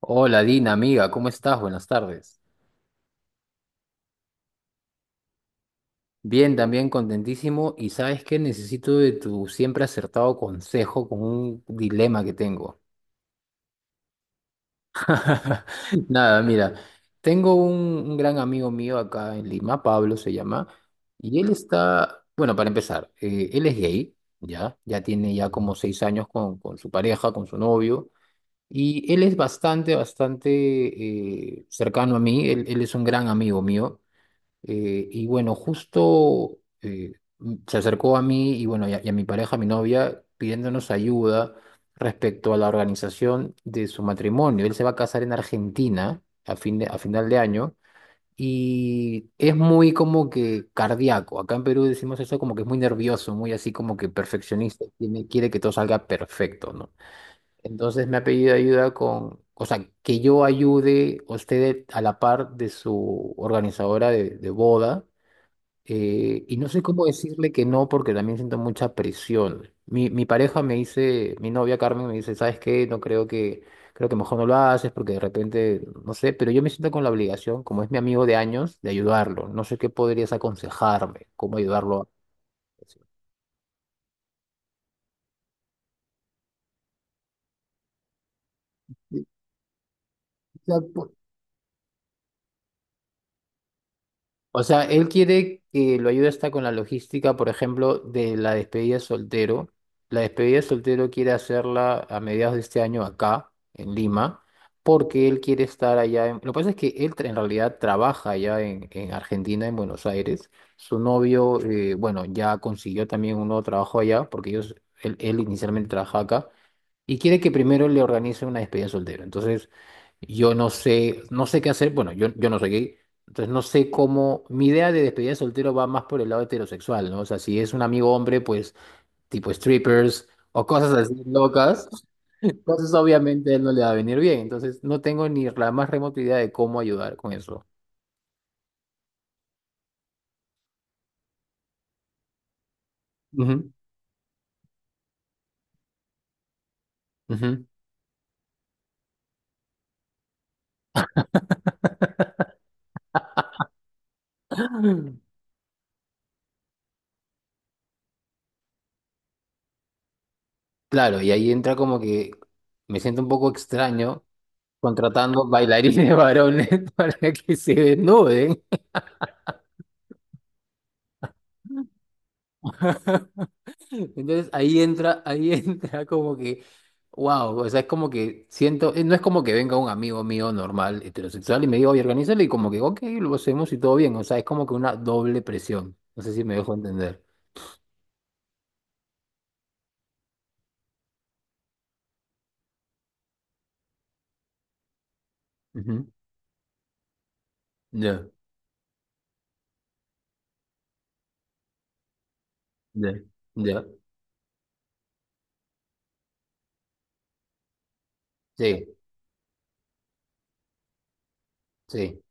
Hola Dina, amiga, ¿cómo estás? Buenas tardes. Bien, también contentísimo y sabes que necesito de tu siempre acertado consejo con un dilema que tengo. Nada, mira, tengo un gran amigo mío acá en Lima, Pablo se llama, y él está, bueno, para empezar, él es gay, ya tiene ya como seis años con su pareja, con su novio, y él es bastante cercano a mí, él es un gran amigo mío. Y bueno, justo se acercó a mí y bueno, y a mi pareja, a mi novia, pidiéndonos ayuda respecto a la organización de su matrimonio. Él se va a casar en Argentina a final de año y es muy como que cardíaco. Acá en Perú decimos eso como que es muy nervioso, muy así como que perfeccionista, quiere que todo salga perfecto, ¿no? Entonces me ha pedido ayuda con, o sea, que yo ayude a usted a la par de su organizadora de boda, y no sé cómo decirle que no porque también siento mucha presión. Mi pareja me dice, mi novia Carmen me dice, ¿sabes qué? No creo que, Creo que mejor no lo haces porque de repente, no sé, pero yo me siento con la obligación, como es mi amigo de años, de ayudarlo. No sé qué podrías aconsejarme, cómo ayudarlo. Sí. O sea, po- O sea, él quiere que lo ayude hasta con la logística, por ejemplo, de la despedida de soltero. La despedida de soltero quiere hacerla a mediados de este año acá, en Lima, porque él quiere estar allá. Lo que pasa es que en realidad trabaja allá en Argentina, en Buenos Aires. Su novio, bueno, ya consiguió también un nuevo trabajo allá, porque ellos, él inicialmente trabaja acá y quiere que primero le organice una despedida de soltero. Entonces, yo no sé, no sé qué hacer. Bueno, yo no soy gay, entonces no sé cómo. Mi idea de despedida de soltero va más por el lado heterosexual, ¿no? O sea, si es un amigo hombre, pues tipo strippers o cosas así locas, entonces obviamente a él no le va a venir bien. Entonces, no tengo ni la más remota idea de cómo ayudar con eso. Ujú, ujú. Claro, y ahí entra como que me siento un poco extraño contratando bailarines varones para que se desnuden. Entonces ahí entra, ahí entra como que, wow, o sea, es como que siento, no es como que venga un amigo mío normal, heterosexual, y me diga, oye, organízalo, y como que, ok, lo hacemos y todo bien, o sea, es como que una doble presión, no sé si me dejo entender. Ujú. Ya, ya, ya, sí, sí.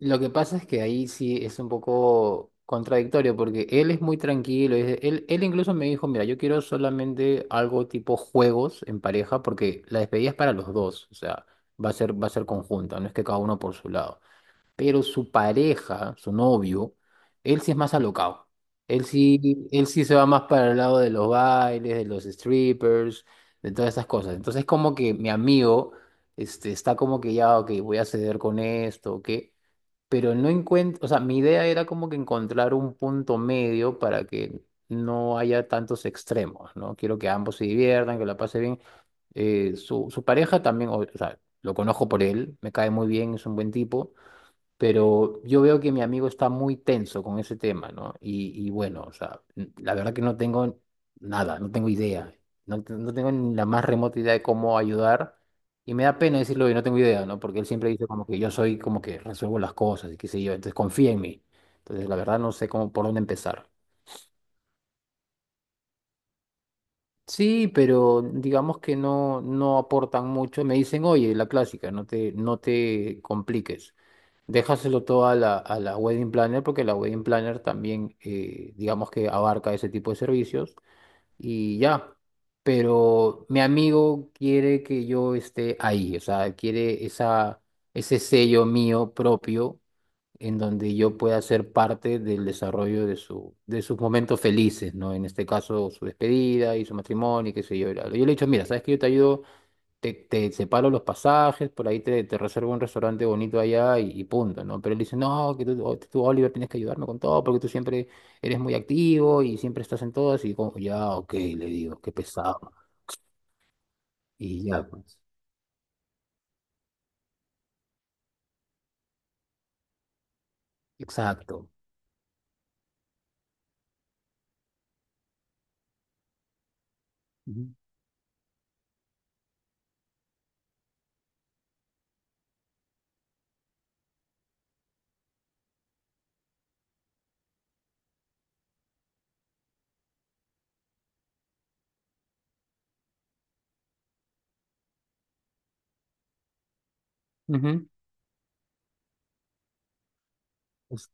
Lo que pasa es que ahí sí es un poco contradictorio porque él es muy tranquilo. Él, incluso me dijo, mira, yo quiero solamente algo tipo juegos en pareja porque la despedida es para los dos. O sea, va a ser conjunta, no es que cada uno por su lado. Pero su pareja, su novio, él sí es más alocado. Él sí, él sí se va más para el lado de los bailes, de los strippers, de todas esas cosas. Entonces como que mi amigo está como que ya, ok, voy a ceder con esto, ok pero no encuentro, o sea, mi idea era como que encontrar un punto medio para que no haya tantos extremos, ¿no? Quiero que ambos se diviertan, que la pase bien. Su pareja también, o sea, lo conozco por él, me cae muy bien, es un buen tipo, pero yo veo que mi amigo está muy tenso con ese tema, ¿no? Y bueno, o sea, la verdad que no tengo nada, no tengo idea, no tengo ni la más remota idea de cómo ayudar. Y me da pena decirlo y no tengo idea, ¿no? Porque él siempre dice como que yo soy como que resuelvo las cosas y qué sé yo, entonces confía en mí. Entonces, la verdad no sé cómo por dónde empezar. Sí, pero digamos que no, no aportan mucho. Me dicen, oye, la clásica, no te compliques. Déjaselo todo a a la wedding planner porque la wedding planner también, digamos que abarca ese tipo de servicios y ya. Pero mi amigo quiere que yo esté ahí, o sea, quiere ese sello mío propio en donde yo pueda ser parte del desarrollo de de sus momentos felices, ¿no? En este caso, su despedida y su matrimonio, y qué sé yo. Y bla, bla. Yo le he dicho, mira, ¿sabes que yo te ayudo, te separo los pasajes, por ahí te reservo un restaurante bonito allá y punto, ¿no? Pero él dice, no, que tú, Oliver, tienes que ayudarme con todo porque tú siempre eres muy activo y siempre estás en todas y como, ya, ok, le digo, qué pesado. Y ya, pues, exacto. Ujú. Ujú.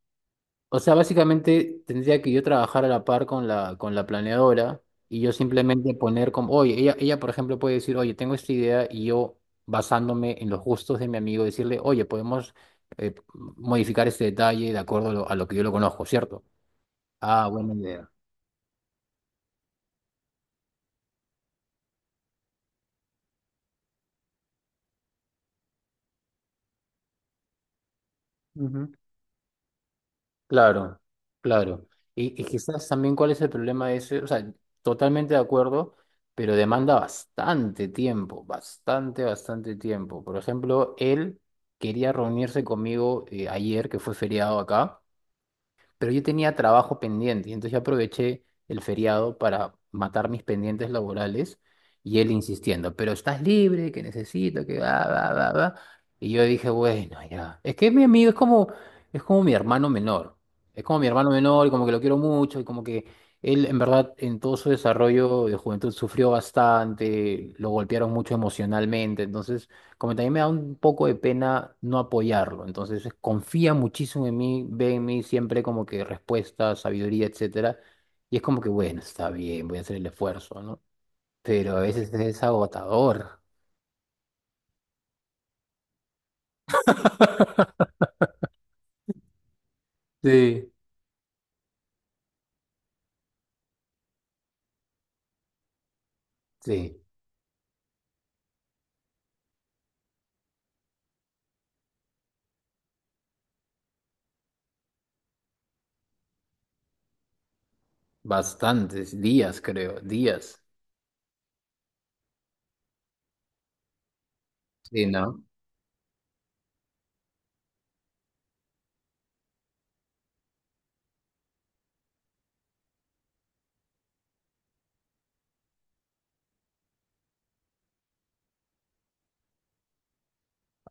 O sea, básicamente tendría que yo trabajar a la par con con la planeadora y yo simplemente poner como, oye, ella, por ejemplo, puede decir, oye, tengo esta idea y yo, basándome en los gustos de mi amigo, decirle, oye, podemos eh, modificar este detalle de acuerdo a a lo que yo lo conozco, ¿cierto? Ah, buena idea. Ujú. Claro, claro. Y quizás también cuál es el problema de ese, o sea, totalmente de acuerdo, pero demanda bastante tiempo, bastante, bastante tiempo. Por ejemplo, él quería reunirse conmigo ayer, que fue feriado acá, pero yo tenía trabajo pendiente, y entonces yo aproveché el feriado para matar mis pendientes laborales y él insistiendo, pero estás libre, que necesito, que va, va, va, va. Y yo dije, bueno, ya. Es que mi amigo es como mi hermano menor. Es como mi hermano menor, y como que lo quiero mucho, y como que él, en verdad, en todo su desarrollo de juventud sufrió bastante, lo golpearon mucho emocionalmente, entonces como también me da un poco de pena no apoyarlo. Entonces confía muchísimo en mí, ve en mí siempre como que respuesta, sabiduría, etcétera. Y es como que, bueno, está bien, voy a hacer el esfuerzo, ¿no? Pero a veces es agotador. Sí, sí, bastantes días, creo, días. Sí, ¿no?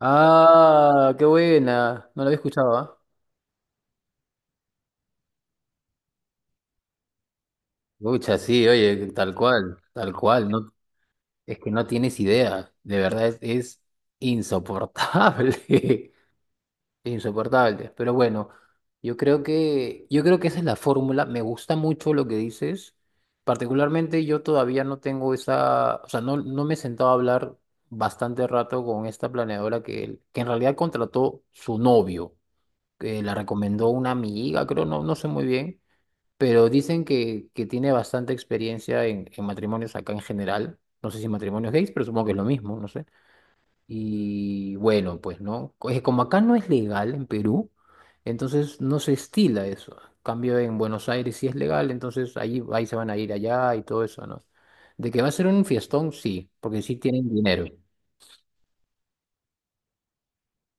Ah, qué buena. No lo había escuchado, ¿ah? Pucha, sí, oye, tal cual, tal cual. No, es que no tienes idea. De verdad es insoportable. Insoportable. Pero bueno, yo creo que esa es la fórmula. Me gusta mucho lo que dices. Particularmente yo todavía no tengo esa, o sea, no me he sentado a hablar bastante rato con esta planeadora que en realidad contrató su novio, que la recomendó una amiga, creo, no sé muy bien, pero dicen que tiene bastante experiencia en matrimonios acá en general. No sé si matrimonios gays, pero supongo que es lo mismo, no sé. Y bueno, pues no, es como acá no es legal en Perú, entonces no se estila eso. Cambio en Buenos Aires sí es legal, entonces ahí, ahí se van a ir allá y todo eso, ¿no? De que va a ser un fiestón, sí, porque sí tienen dinero.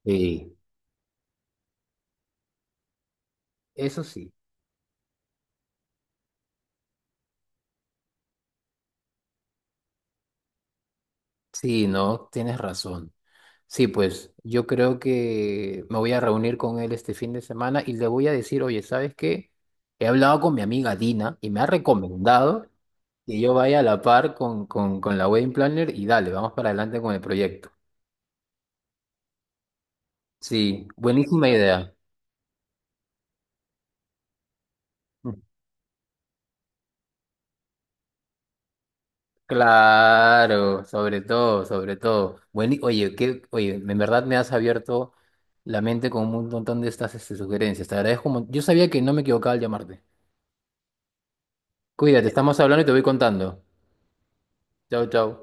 Sí, eso sí. Sí, no, tienes razón. Sí, pues yo creo que me voy a reunir con él este fin de semana y le voy a decir, oye, ¿sabes qué? He hablado con mi amiga Dina y me ha recomendado que yo vaya a la par con la Wedding Planner y dale, vamos para adelante con el proyecto. Sí, buenísima idea. Mm. Claro, sobre todo, sobre todo. Bueno, oye, en verdad me has abierto la mente con un montón de estas sugerencias. Te agradezco. Yo sabía que no me equivocaba al llamarte. Cuídate, estamos hablando y te voy contando. Chau, chau.